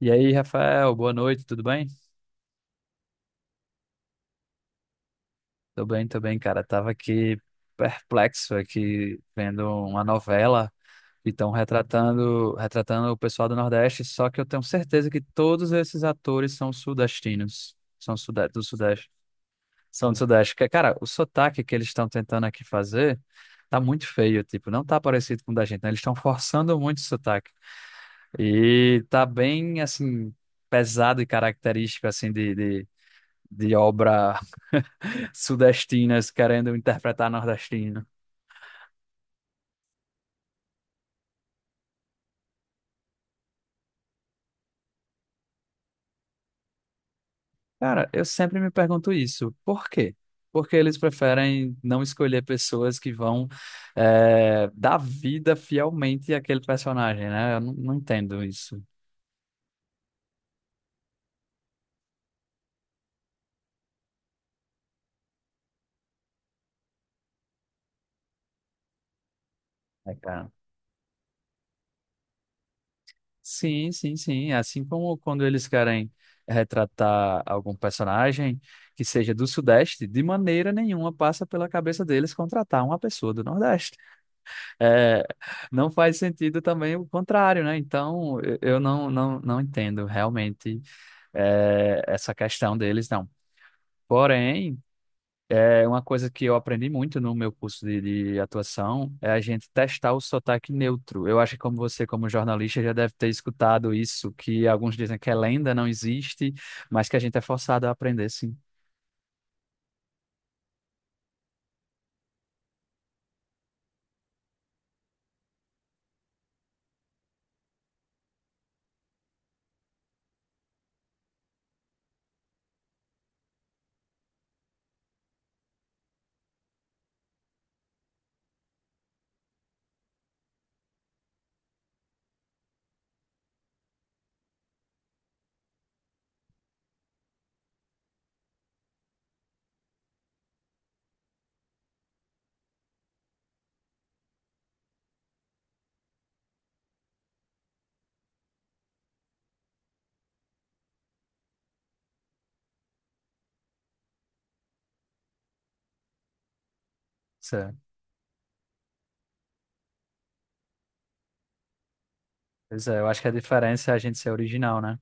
E aí, Rafael, boa noite, tudo bem? Tô bem, tô bem, cara. Tava aqui perplexo aqui vendo uma novela e estão retratando o pessoal do Nordeste, só que eu tenho certeza que todos esses atores são sudestinos, do Sudeste, são do Sudeste. Que, cara, o sotaque que eles estão tentando aqui fazer tá muito feio, tipo, não tá parecido com o da gente, né? Eles estão forçando muito o sotaque. E tá bem, assim, pesado e característico, assim, de obra sudestinas querendo interpretar nordestino. Cara, eu sempre me pergunto isso. Por quê? Porque eles preferem não escolher pessoas que vão dar vida fielmente àquele personagem, né? Eu não entendo isso. É, cara. Sim, sim, sim. Assim como quando eles querem retratar algum personagem que seja do Sudeste, de maneira nenhuma passa pela cabeça deles contratar uma pessoa do Nordeste. É, não faz sentido também o contrário, né? Então, eu não entendo realmente, essa questão deles, não. Porém, é uma coisa que eu aprendi muito no meu curso de atuação é a gente testar o sotaque neutro. Eu acho que como você, como jornalista, já deve ter escutado isso, que alguns dizem que é lenda, não existe, mas que a gente é forçado a aprender, sim. Isso é- Pois é, eu acho que a diferença é a gente ser original, né?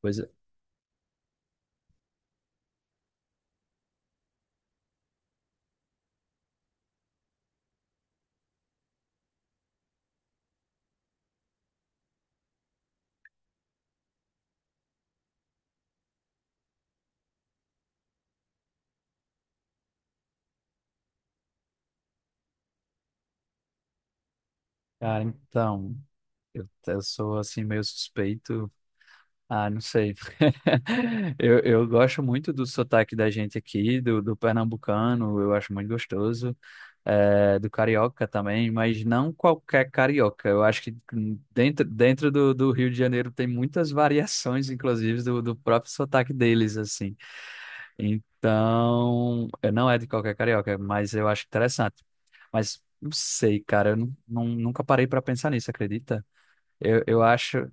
Pois é. Cara, então, eu sou assim meio suspeito. Ah, não sei. Eu gosto muito do sotaque da gente aqui, do pernambucano, eu acho muito gostoso, do carioca também, mas não qualquer carioca. Eu acho que dentro do Rio de Janeiro tem muitas variações, inclusive, do próprio sotaque deles, assim. Então, não é de qualquer carioca, mas eu acho interessante. Mas não sei, cara, eu nunca parei para pensar nisso, acredita? Eu acho.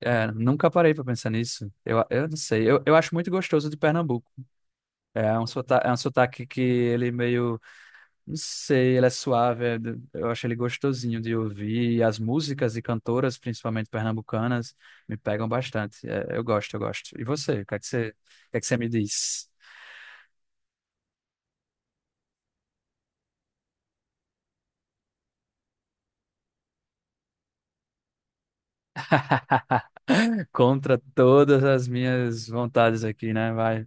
É, nunca parei pra pensar nisso. Eu não sei. Eu acho muito gostoso de Pernambuco. É um sotaque que ele meio, não sei, ele é suave. Eu acho ele gostosinho de ouvir. E as músicas e cantoras, principalmente pernambucanas, me pegam bastante. É, eu gosto, eu gosto. E você? O que é que você, o que é que você me diz? Contra todas as minhas vontades aqui, né? Vai.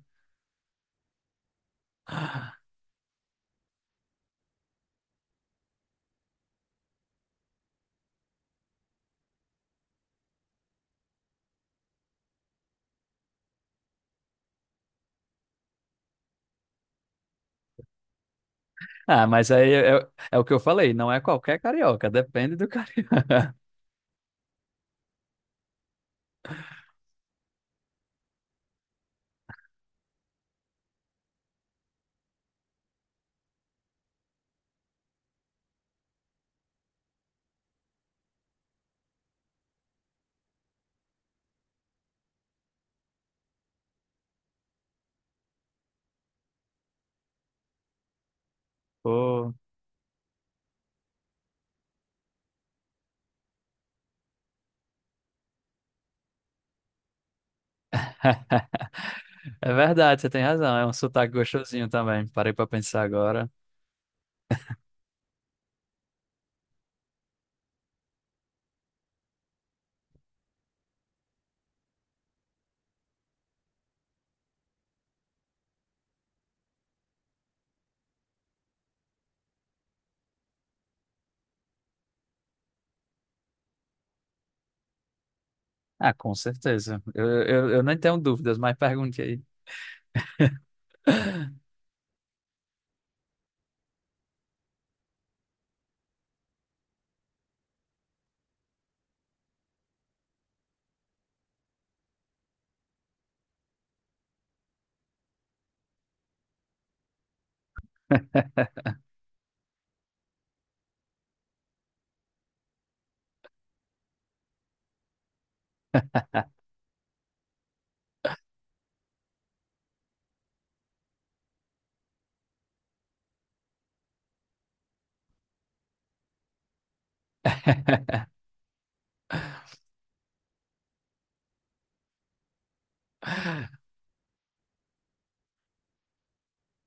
Ah, mas aí é, é o que eu falei. Não é qualquer carioca. Depende do carioca. Pô. É verdade, você tem razão. É um sotaque gostosinho também. Parei pra pensar agora. Ah, com certeza. Eu nem tenho dúvidas, mas pergunte aí.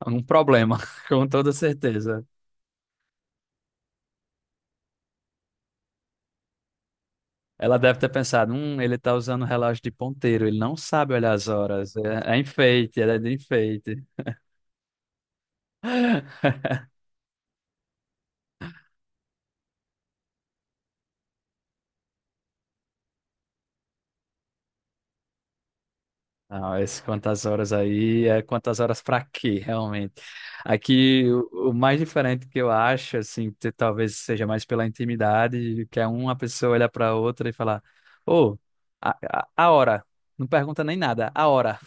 Um problema, com toda certeza. Ela deve ter pensado, ele tá usando relógio de ponteiro, ele não sabe olhar as horas. É, é enfeite, é de enfeite. Não, esse quantas horas aí é quantas horas para quê, realmente. Aqui, o mais diferente que eu acho, assim, talvez seja mais pela intimidade, que é uma pessoa olhar para outra e falar: Ô, a hora. Não pergunta nem nada, a hora.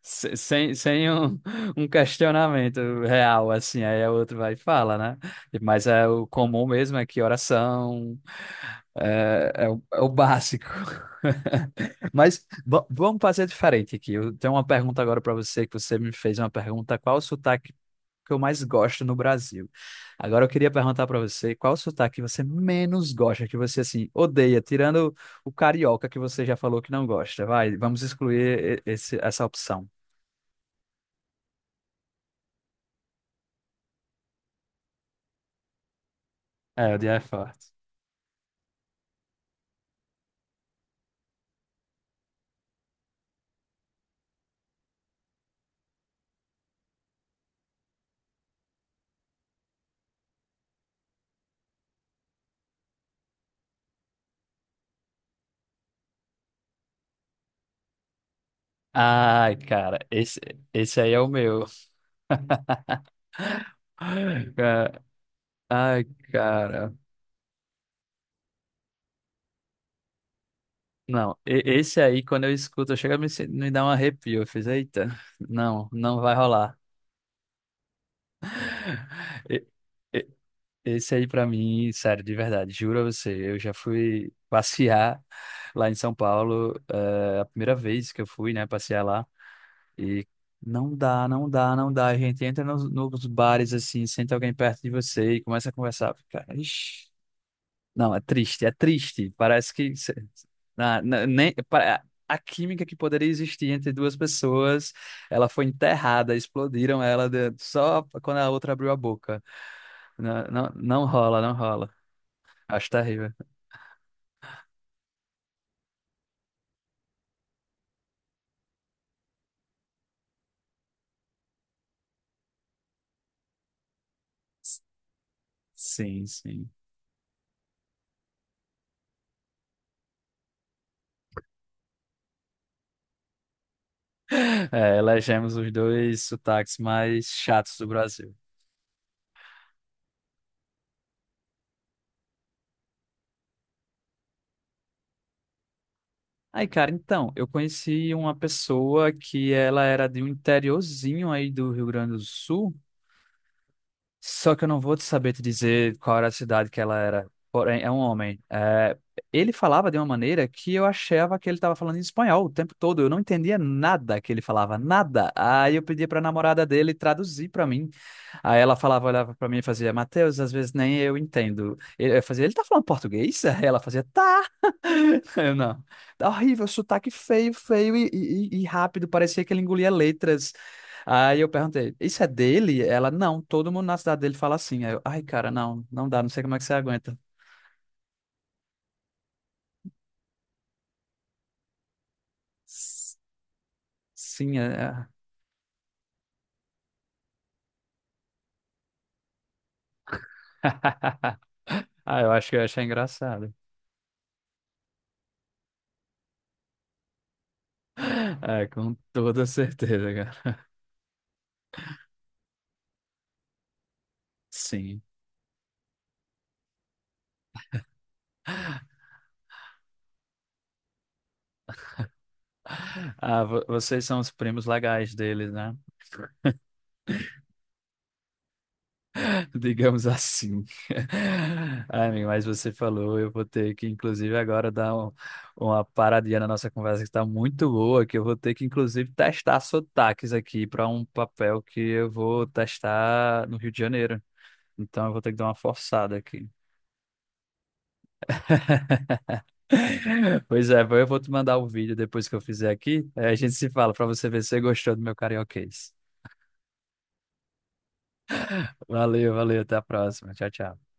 Sem um questionamento real, assim, aí o outro vai e fala, né? Mas é o comum mesmo, é que oração é o básico. Mas vamos fazer diferente aqui. Eu tenho uma pergunta agora para você, que você me fez uma pergunta, qual o sotaque que eu mais gosto no Brasil? Agora eu queria perguntar para você, qual o sotaque que você menos gosta, que você, assim, odeia, tirando o carioca que você já falou que não gosta. Vai, vamos excluir esse, essa opção. É, o dia é forte. Ai, cara, esse aí é o meu. Cara, ai, cara. Não, esse aí, quando eu escuto, chega a me, se- me dar um arrepio. Eu fiz, eita, não, não vai rolar. E- e- Esse aí, pra mim, sério, de verdade, juro a você, eu já fui passear lá em São Paulo, a primeira vez que eu fui, né, passear lá. E não dá, não dá, não dá. A gente entra nos bares assim, senta alguém perto de você e começa a conversar. Cara, ixi. Não, é triste, é triste. Parece que cê- na, na- nem, pa- a química que poderia existir entre duas pessoas, ela foi enterrada, explodiram ela só quando a outra abriu a boca. Não, não, não rola, não rola. Acho terrível. Sim, sim. É, elegemos os dois sotaques mais chatos do Brasil. Aí, cara, então, eu conheci uma pessoa que ela era de um interiorzinho aí do Rio Grande do Sul, só que eu não vou te saber te dizer qual era a cidade que ela era. Porém, é um homem. É, ele falava de uma maneira que eu achava que ele estava falando em espanhol o tempo todo. Eu não entendia nada que ele falava, nada. Aí eu pedia para a namorada dele traduzir para mim. Aí ela falava, olhava para mim e fazia, Mateus, às vezes nem eu entendo. Ele- Eu fazia, ele tá falando português? Aí ela fazia, tá. Eu não. Tá horrível, sotaque feio, feio e rápido, parecia que ele engolia letras. Aí eu perguntei, isso é dele? Ela, não, todo mundo na cidade dele fala assim. Aí eu, ai, cara, não, não dá, não sei como é que você aguenta. S- Sim, é. Ah, eu acho que eu ia engraçado. É, com toda certeza, cara. Sim. Ah, vocês são os primos legais deles, né? Digamos assim. Ai, amigo, mas você falou, eu vou ter que, inclusive, agora dar uma paradinha na nossa conversa que está muito boa, que eu vou ter que, inclusive, testar sotaques aqui para um papel que eu vou testar no Rio de Janeiro. Então, eu vou ter que dar uma forçada aqui. Pois é, eu vou te mandar o vídeo depois que eu fizer aqui. Aí a gente se fala para você ver se você gostou do meu carioquês. Valeu, valeu, até a próxima. Tchau, tchau.